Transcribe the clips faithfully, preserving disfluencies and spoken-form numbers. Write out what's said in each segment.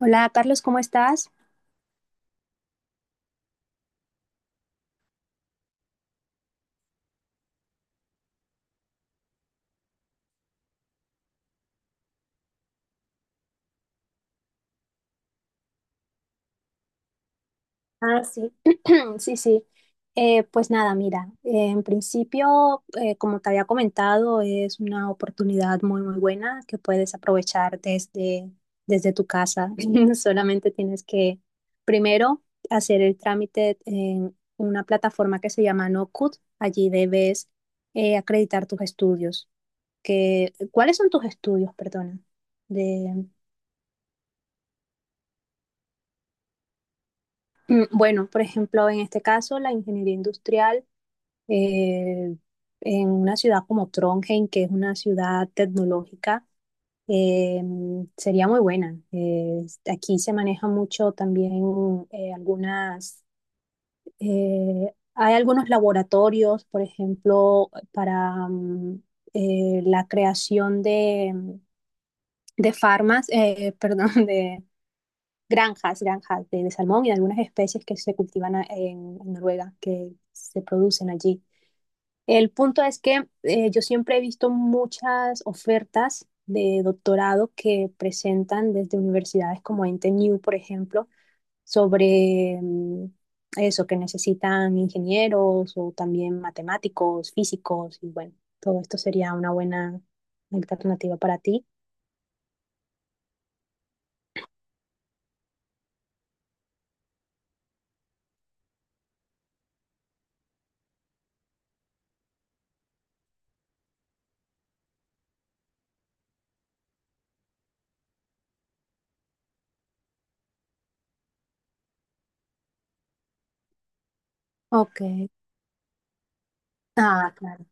Hola Carlos, ¿cómo estás? Ah, sí, sí, sí. Eh, pues nada, mira, eh, en principio, eh, como te había comentado, es una oportunidad muy, muy buena que puedes aprovechar desde, desde tu casa. Solamente tienes que primero hacer el trámite en una plataforma que se llama Nocut. Allí debes eh, acreditar tus estudios. Que, ¿cuáles son tus estudios, perdona? Mm, bueno, por ejemplo, en este caso, la ingeniería industrial eh, en una ciudad como Trondheim, que es una ciudad tecnológica, eh, sería muy buena. Eh, aquí se maneja mucho también eh, algunas, eh, hay algunos laboratorios, por ejemplo, para mm, eh, la creación de, de farmas, eh, perdón, granjas, granjas de, de salmón y de algunas especies que se cultivan a- en, en Noruega, que se producen allí. El punto es que eh, yo siempre he visto muchas ofertas de doctorado que presentan desde universidades como N T N U, por ejemplo, sobre mm, eso, que necesitan ingenieros o también matemáticos, físicos, y bueno, todo esto sería una buena alternativa para ti. Ok. Ah, claro.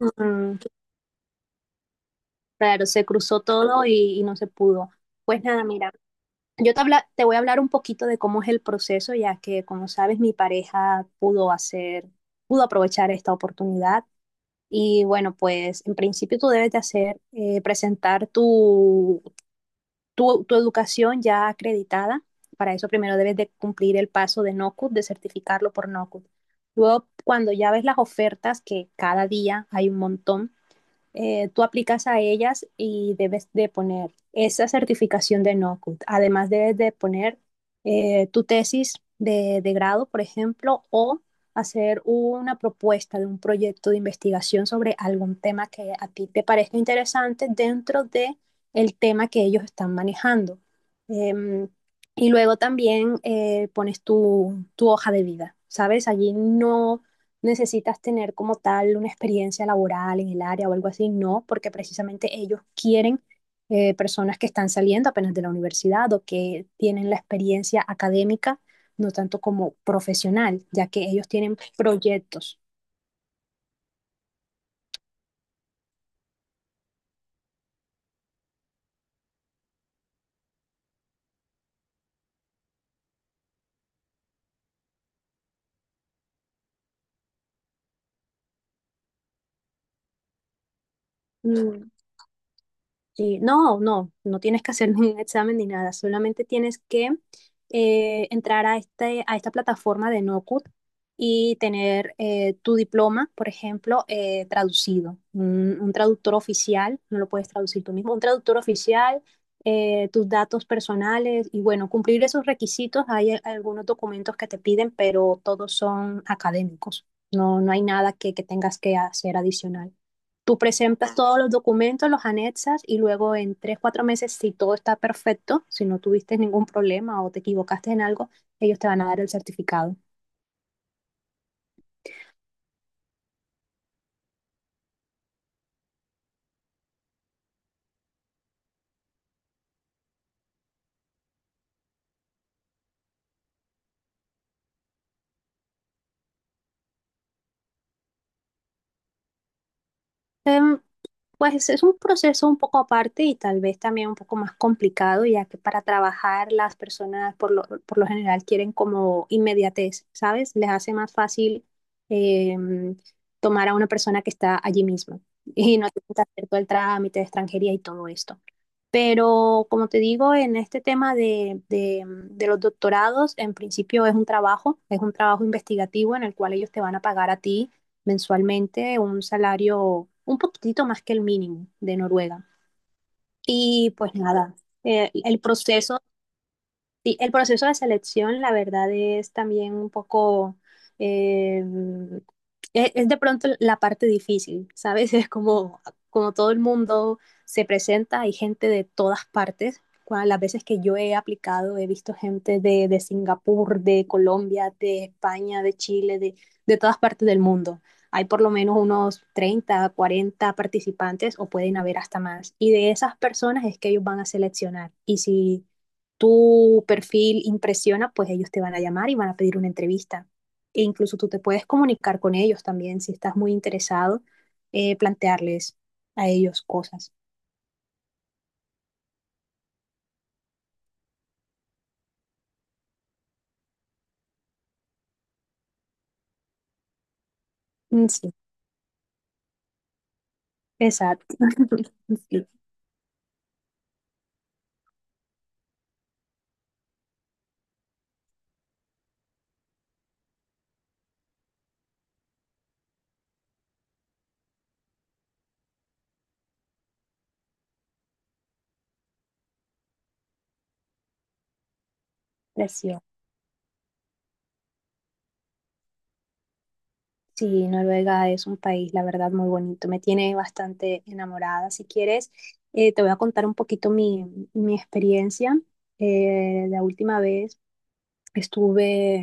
Mm, claro, se cruzó todo y, y no se pudo. Pues nada, mira, yo te, habla- te voy a hablar un poquito de cómo es el proceso, ya que como sabes, mi pareja pudo hacer, pudo aprovechar esta oportunidad. Y bueno, pues en principio tú debes de hacer, eh, presentar tu, tu, tu educación ya acreditada. Para eso primero debes de cumplir el paso de N O C U T, de certificarlo por N O C U T. Luego, cuando ya ves las ofertas, que cada día hay un montón, eh, tú aplicas a ellas y debes de poner esa certificación de N O C U T. Además debes de poner eh, tu tesis de, de grado, por ejemplo, o hacer una propuesta de un proyecto de investigación sobre algún tema que a ti te parezca interesante dentro de el tema que ellos están manejando. Eh, y luego también eh, pones tu, tu, hoja de vida, ¿sabes? Allí no, necesitas tener como tal una experiencia laboral en el área o algo así, no, porque precisamente ellos quieren eh, personas que están saliendo apenas de la universidad o que tienen la experiencia académica, no tanto como profesional, ya que ellos tienen proyectos. Mm, sí, no, no, no tienes que hacer ningún examen ni nada, solamente tienes que eh, entrar a, este, a esta plataforma de NoCut y tener eh, tu diploma, por ejemplo, eh, traducido. Un, un traductor oficial, no lo puedes traducir tú mismo, un traductor oficial, eh, tus datos personales y bueno, cumplir esos requisitos. Hay a- algunos documentos que te piden, pero todos son académicos. No, no hay nada que, que tengas que hacer adicional. Tú presentas todos los documentos, los anexas y luego en tres, cuatro meses, si todo está perfecto, si no tuviste ningún problema o te equivocaste en algo, ellos te van a dar el certificado. Em, pues es un proceso un poco aparte y tal vez también un poco más complicado, ya que para trabajar las personas por lo, por lo general quieren como inmediatez, ¿sabes? Les hace más fácil em, tomar a una persona que está allí misma y no tienen que hacer todo el trámite de extranjería y todo esto. Pero como te digo, en este tema de, de, mm, de los doctorados, en principio es un trabajo, es un trabajo investigativo en el cual ellos te van a pagar a ti mensualmente un salario un poquitito más que el mínimo de Noruega. Y pues nada, eh, el proceso Sí, el proceso de selección, la verdad, es también un poco, eh, es, es de pronto la parte difícil, ¿sabes? Es como, como todo el mundo se presenta, hay gente de todas partes. Cua- Las veces que yo he aplicado, he visto gente de, de Singapur, de Colombia, de España, de Chile, de, de todas partes del mundo. Hay por lo menos unos treinta, cuarenta participantes o pueden haber hasta más. Y de esas personas es que ellos van a seleccionar. Y si tu perfil impresiona, pues ellos te van a llamar y van a pedir una entrevista. E incluso tú te puedes comunicar con ellos también si estás muy interesado, eh, plantearles a ellos cosas. Mm, sí, exacto. Sí, precioso. Sí, Noruega es un país, la verdad, muy bonito. Me tiene bastante enamorada. Si quieres, eh, te voy a contar un poquito mi, mi experiencia. Eh, la última vez. Estuve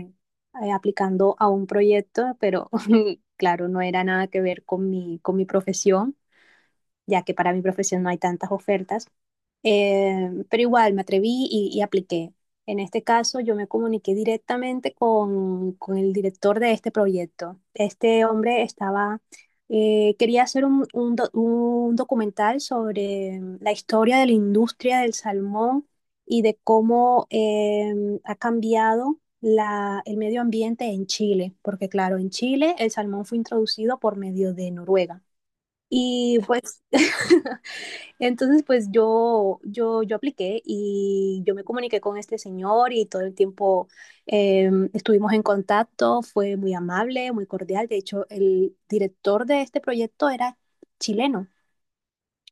eh, aplicando a un proyecto, pero claro, no era nada que ver con mi, con mi profesión, ya que para mi profesión no hay tantas ofertas. Eh, pero igual me atreví y, y apliqué. En este caso, yo me comuniqué directamente con, con el director de este proyecto. Este hombre estaba, eh, quería hacer un, un do- un documental sobre mm, la historia de la industria del salmón y de cómo eh, ha cambiado la, el medio ambiente en Chile, porque claro, en Chile el salmón fue introducido por medio de Noruega. Y pues Entonces, pues yo, yo, yo apliqué y yo me comuniqué con este señor y todo el tiempo eh, estuvimos en contacto, fue muy amable, muy cordial. De hecho, el director de este proyecto era chileno.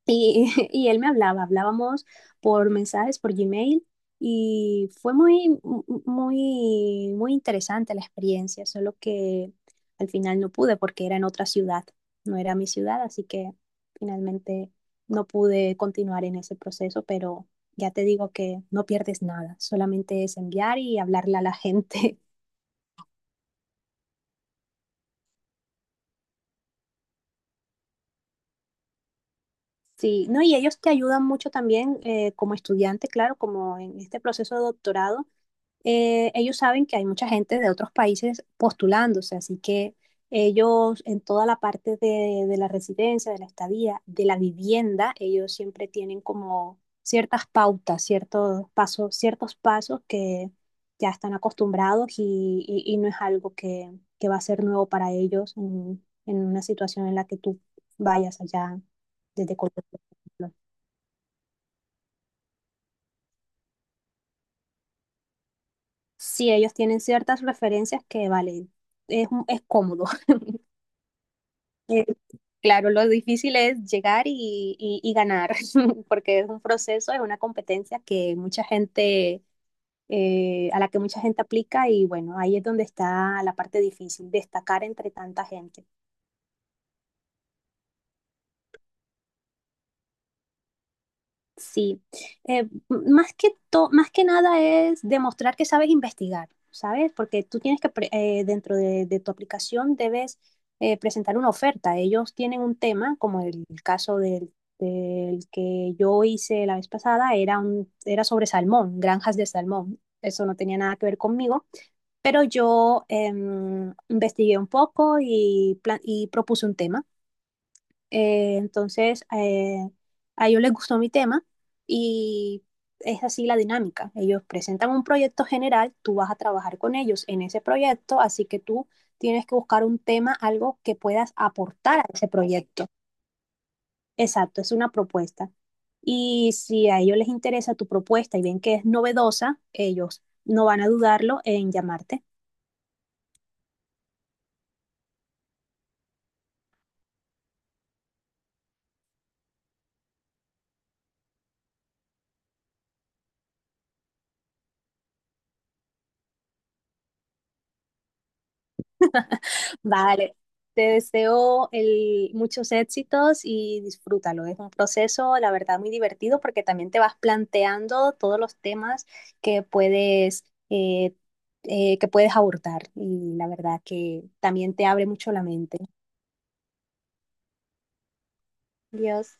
Y, y él me hablaba, hablábamos por mensajes, por Gmail, y fue muy, mu- muy, muy interesante la experiencia, solo que al final no pude porque era en otra ciudad, no era mi ciudad, así que finalmente no pude continuar en ese proceso, pero ya te digo que no pierdes nada, solamente es enviar y hablarle a la gente. Sí, no, y ellos te ayudan mucho también eh, como estudiante, claro, como en este proceso de doctorado eh, ellos saben que hay mucha gente de otros países postulándose, así que ellos en toda la parte de, de la residencia, de la estadía, de la vivienda, ellos siempre tienen como ciertas pautas, ciertos pasos, ciertos pasos que ya están acostumbrados y, y- y no es algo que, que va a ser nuevo para ellos en, en una situación en la que tú vayas allá desde Colombia, por ejemplo. Sí, ellos tienen ciertas referencias que, vale, es, es cómodo. Claro, lo difícil es llegar y, y- y ganar, porque es un proceso, es una competencia que mucha gente, eh, a la que mucha gente aplica y bueno, ahí es donde está la parte difícil, destacar entre tanta gente. Sí, Eh, más que to- más que nada es demostrar que sabes investigar, ¿sabes? Porque tú tienes que, pre- eh, dentro de, de tu aplicación, debes eh, presentar una oferta. Ellos tienen un tema, como el caso del, del que yo hice la vez pasada, era un, era sobre salmón, granjas de salmón. Eso no tenía nada que ver conmigo, pero yo em, investigué un poco y, plan- y propuse un tema. Eh, entonces, eh, a ellos les gustó mi tema y es así la dinámica. Ellos presentan un proyecto general, tú vas a trabajar con ellos en ese proyecto, así que tú tienes que buscar un tema, algo que puedas aportar a ese proyecto. Exacto, es una propuesta. Y si a ellos les interesa tu propuesta y ven que es novedosa, ellos no van a dudarlo en llamarte. Vale, te deseo el- muchos éxitos y disfrútalo. Es un proceso, la verdad, muy divertido porque también te vas planteando todos los temas que puedes, eh, eh, que puedes abordar y la verdad que también te abre mucho la mente. Dios.